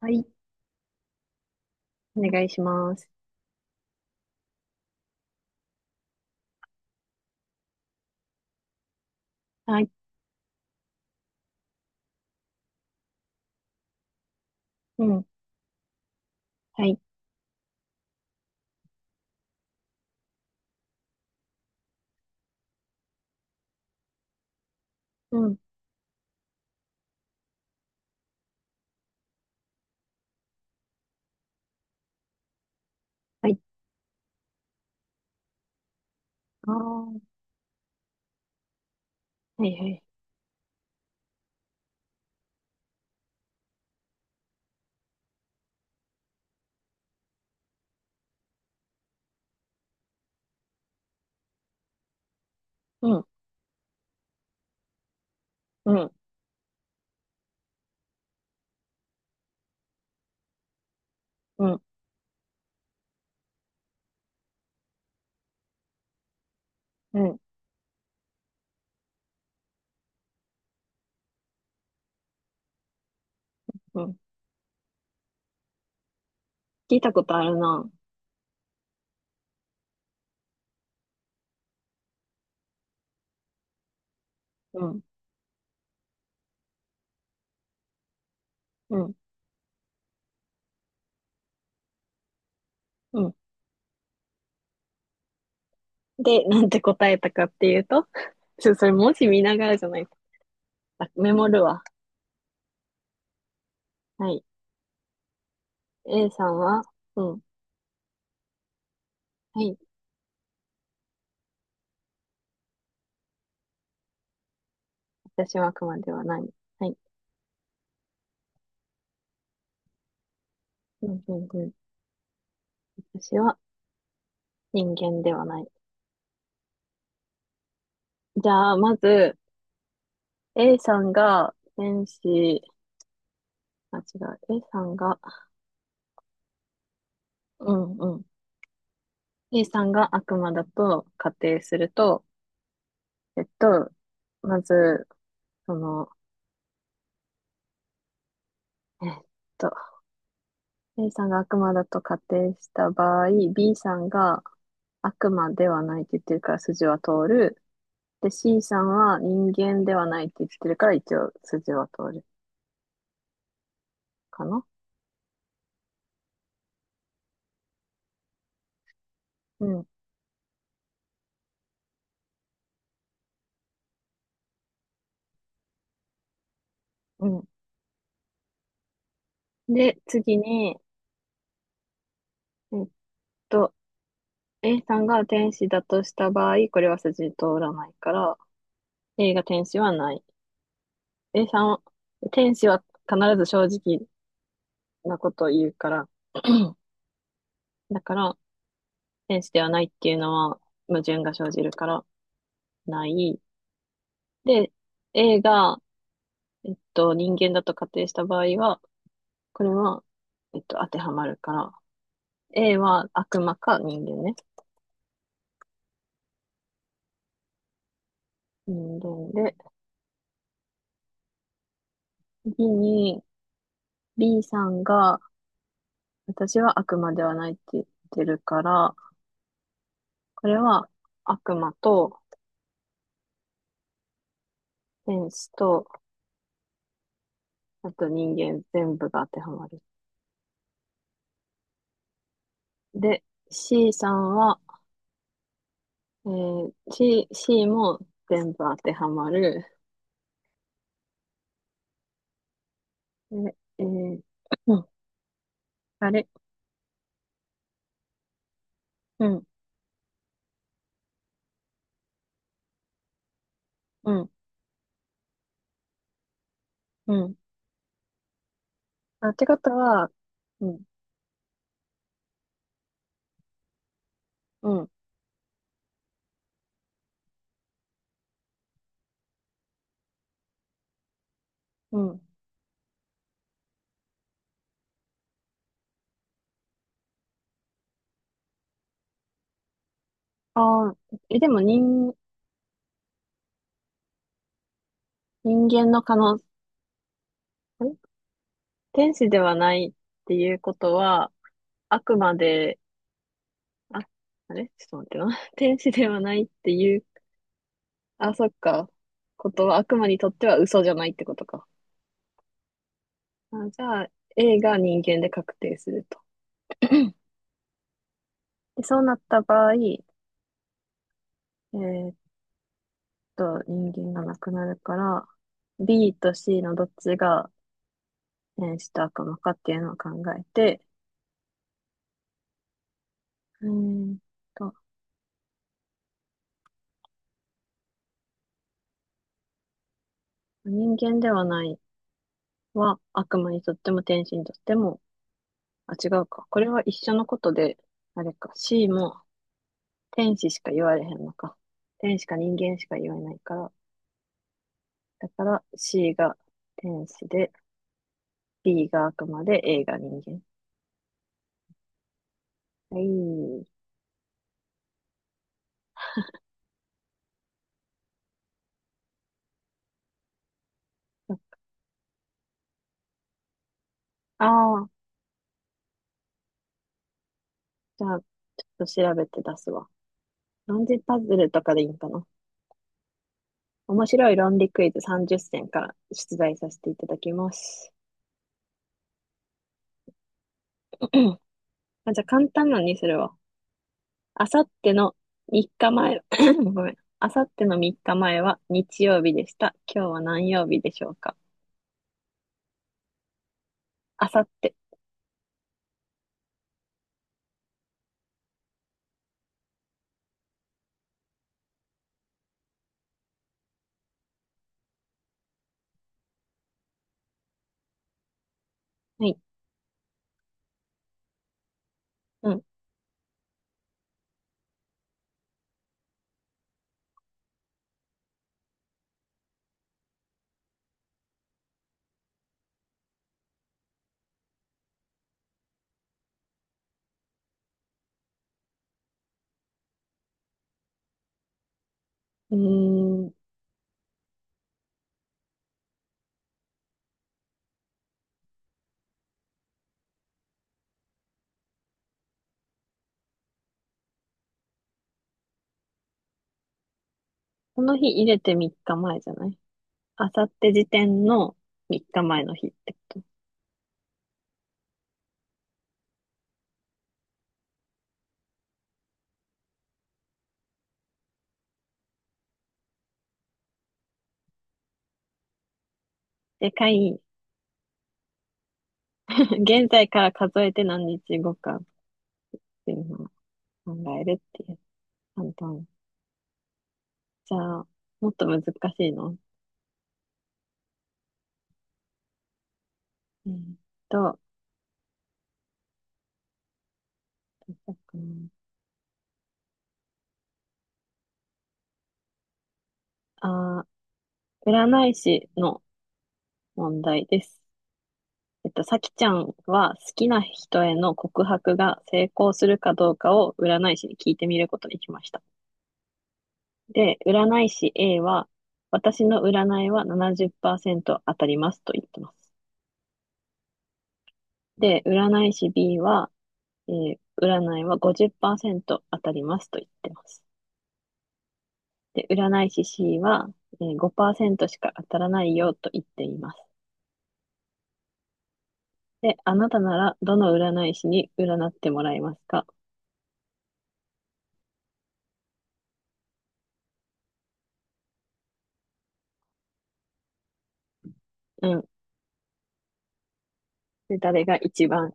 はい。お願いします。はい。うん。はい。うん。はい。ああ。はいはい。うん。うん。うん。うん。うん。聞いたことあるな。うん。うん。うん。で、なんて答えたかっていうと、ちょ、それ文字見ながらじゃないと。あ、メモるわ。はい。A さんは、うん。はい。私は熊ではない。はい。うん。うん。うん。私は人間ではない。じゃあ、まず、A さんが天使、あ、違う。A さんが、うん。うん、 A さんが悪魔だと仮定すると、えっと、まず、その、えっと、A さんが悪魔だと仮定した場合、B さんが悪魔ではないって言ってるから筋は通る。で、C さんは人間ではないって言ってるから一応筋は通るかな。うん。うん。で、次に、えっと、A さんが天使だとした場合、これは筋通らないから、A が天使はない。A さんは、天使は必ず正直なことを言うから、だから、天使ではないっていうのは矛盾が生じるから、ない。で、A が、人間だと仮定した場合は、これは、当てはまるから、A は悪魔か人間ね。人間で、次に B さんが、私は悪魔ではないって言ってるから、これは悪魔と天使と、あと人間全部が当てはまる。で、C さんは、C も全部当てはまる。え、えーうん、あれ、うん、うん、うん。あ、ってことは、うん、うん、うん。ああ、でも人間の可能、天使ではないっていうことは、あくまで、あ、あれちょっと待ってな。天使ではないっていう、あ、そっか。ことは悪魔にとっては嘘じゃないってことか。あ、じゃあ、A が人間で確定すると。で、そうなった場合、ー人間がなくなるから、B と C のどっちが変死と悪魔かっていうのを考えて、えーっと、人間ではないは悪魔にとっても天使にとっても、あ、違うか。これは一緒のことで、あれか、C も天使しか言われへんのか。天使か人間しか言えないから、だから C が天使で、B が悪魔で、A が人間。はい。ああー、じゃあ、ちょっと調べて出すわ。何時パズルとかでいいんかな。面白い論理クイズ30選から出題させていただきます。あ、じゃあ簡単なのにするわ。あさっての3日前、ごめん。あさっての3日前は日曜日でした。今日は何曜日でしょうか。あさって。はい。うん。うーん。この日入れて3日前じゃないあさって時点の3日前の日ってこと。でかい。現在から数えて何日後かっていうのを考えるっていう。簡単。じゃあ、もっと難しいのえーっと、あー、占い師の問題です。さきちゃんは好きな人への告白が成功するかどうかを占い師に聞いてみることにしました。で、占い師 A は、私の占いは70%当たりますと言ってます。で、占い師 B は、占いは50%当たりますと言ってます。で、占い師 C は、5%しか当たらないよと言っています。で、あなたならどの占い師に占ってもらいますか？うん。で、誰が一番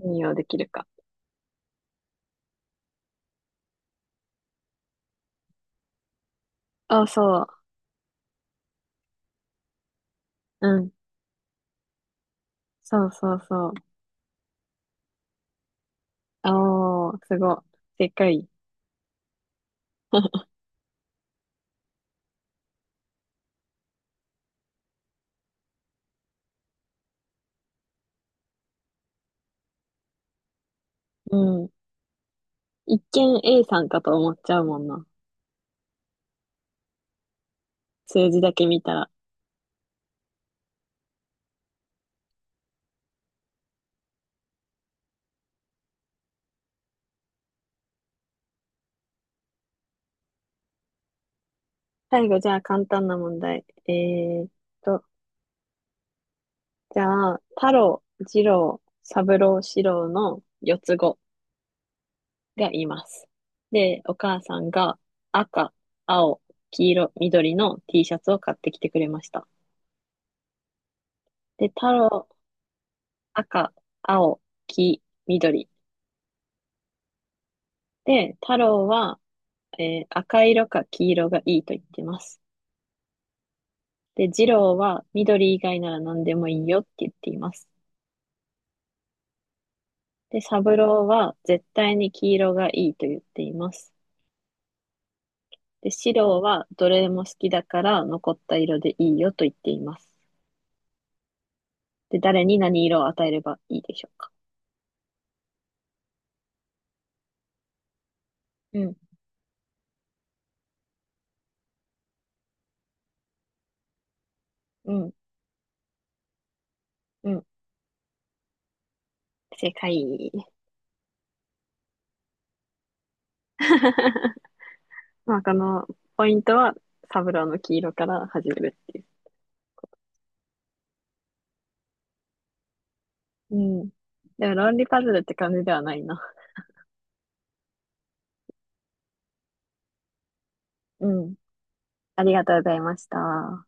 信用できるか。あ、そう。うん。そうそうそう。あおー、すごい。でっかい。うん。一見 A さんかと思っちゃうもんな。数字だけ見たら。最後、じゃあ簡単な問題。ーっと、じゃあ、太郎、次郎、三郎、四郎の四つ子がいます。で、お母さんが赤、青、黄色、緑の T シャツを買ってきてくれました。で、太郎、赤、青、黄、緑。で、太郎は、赤色か黄色がいいと言ってます。で、次郎は緑以外なら何でもいいよって言っています。で、三郎は絶対に黄色がいいと言っています。で、四郎はどれも好きだから残った色でいいよと言っています。で、誰に何色を与えればいいでしょうか？うん、うん、うん。正解。まあ、このポイントは、サブローの黄色から始めるっていう。うん。でも、論理パズルって感じではないな。うん。ありがとうございました。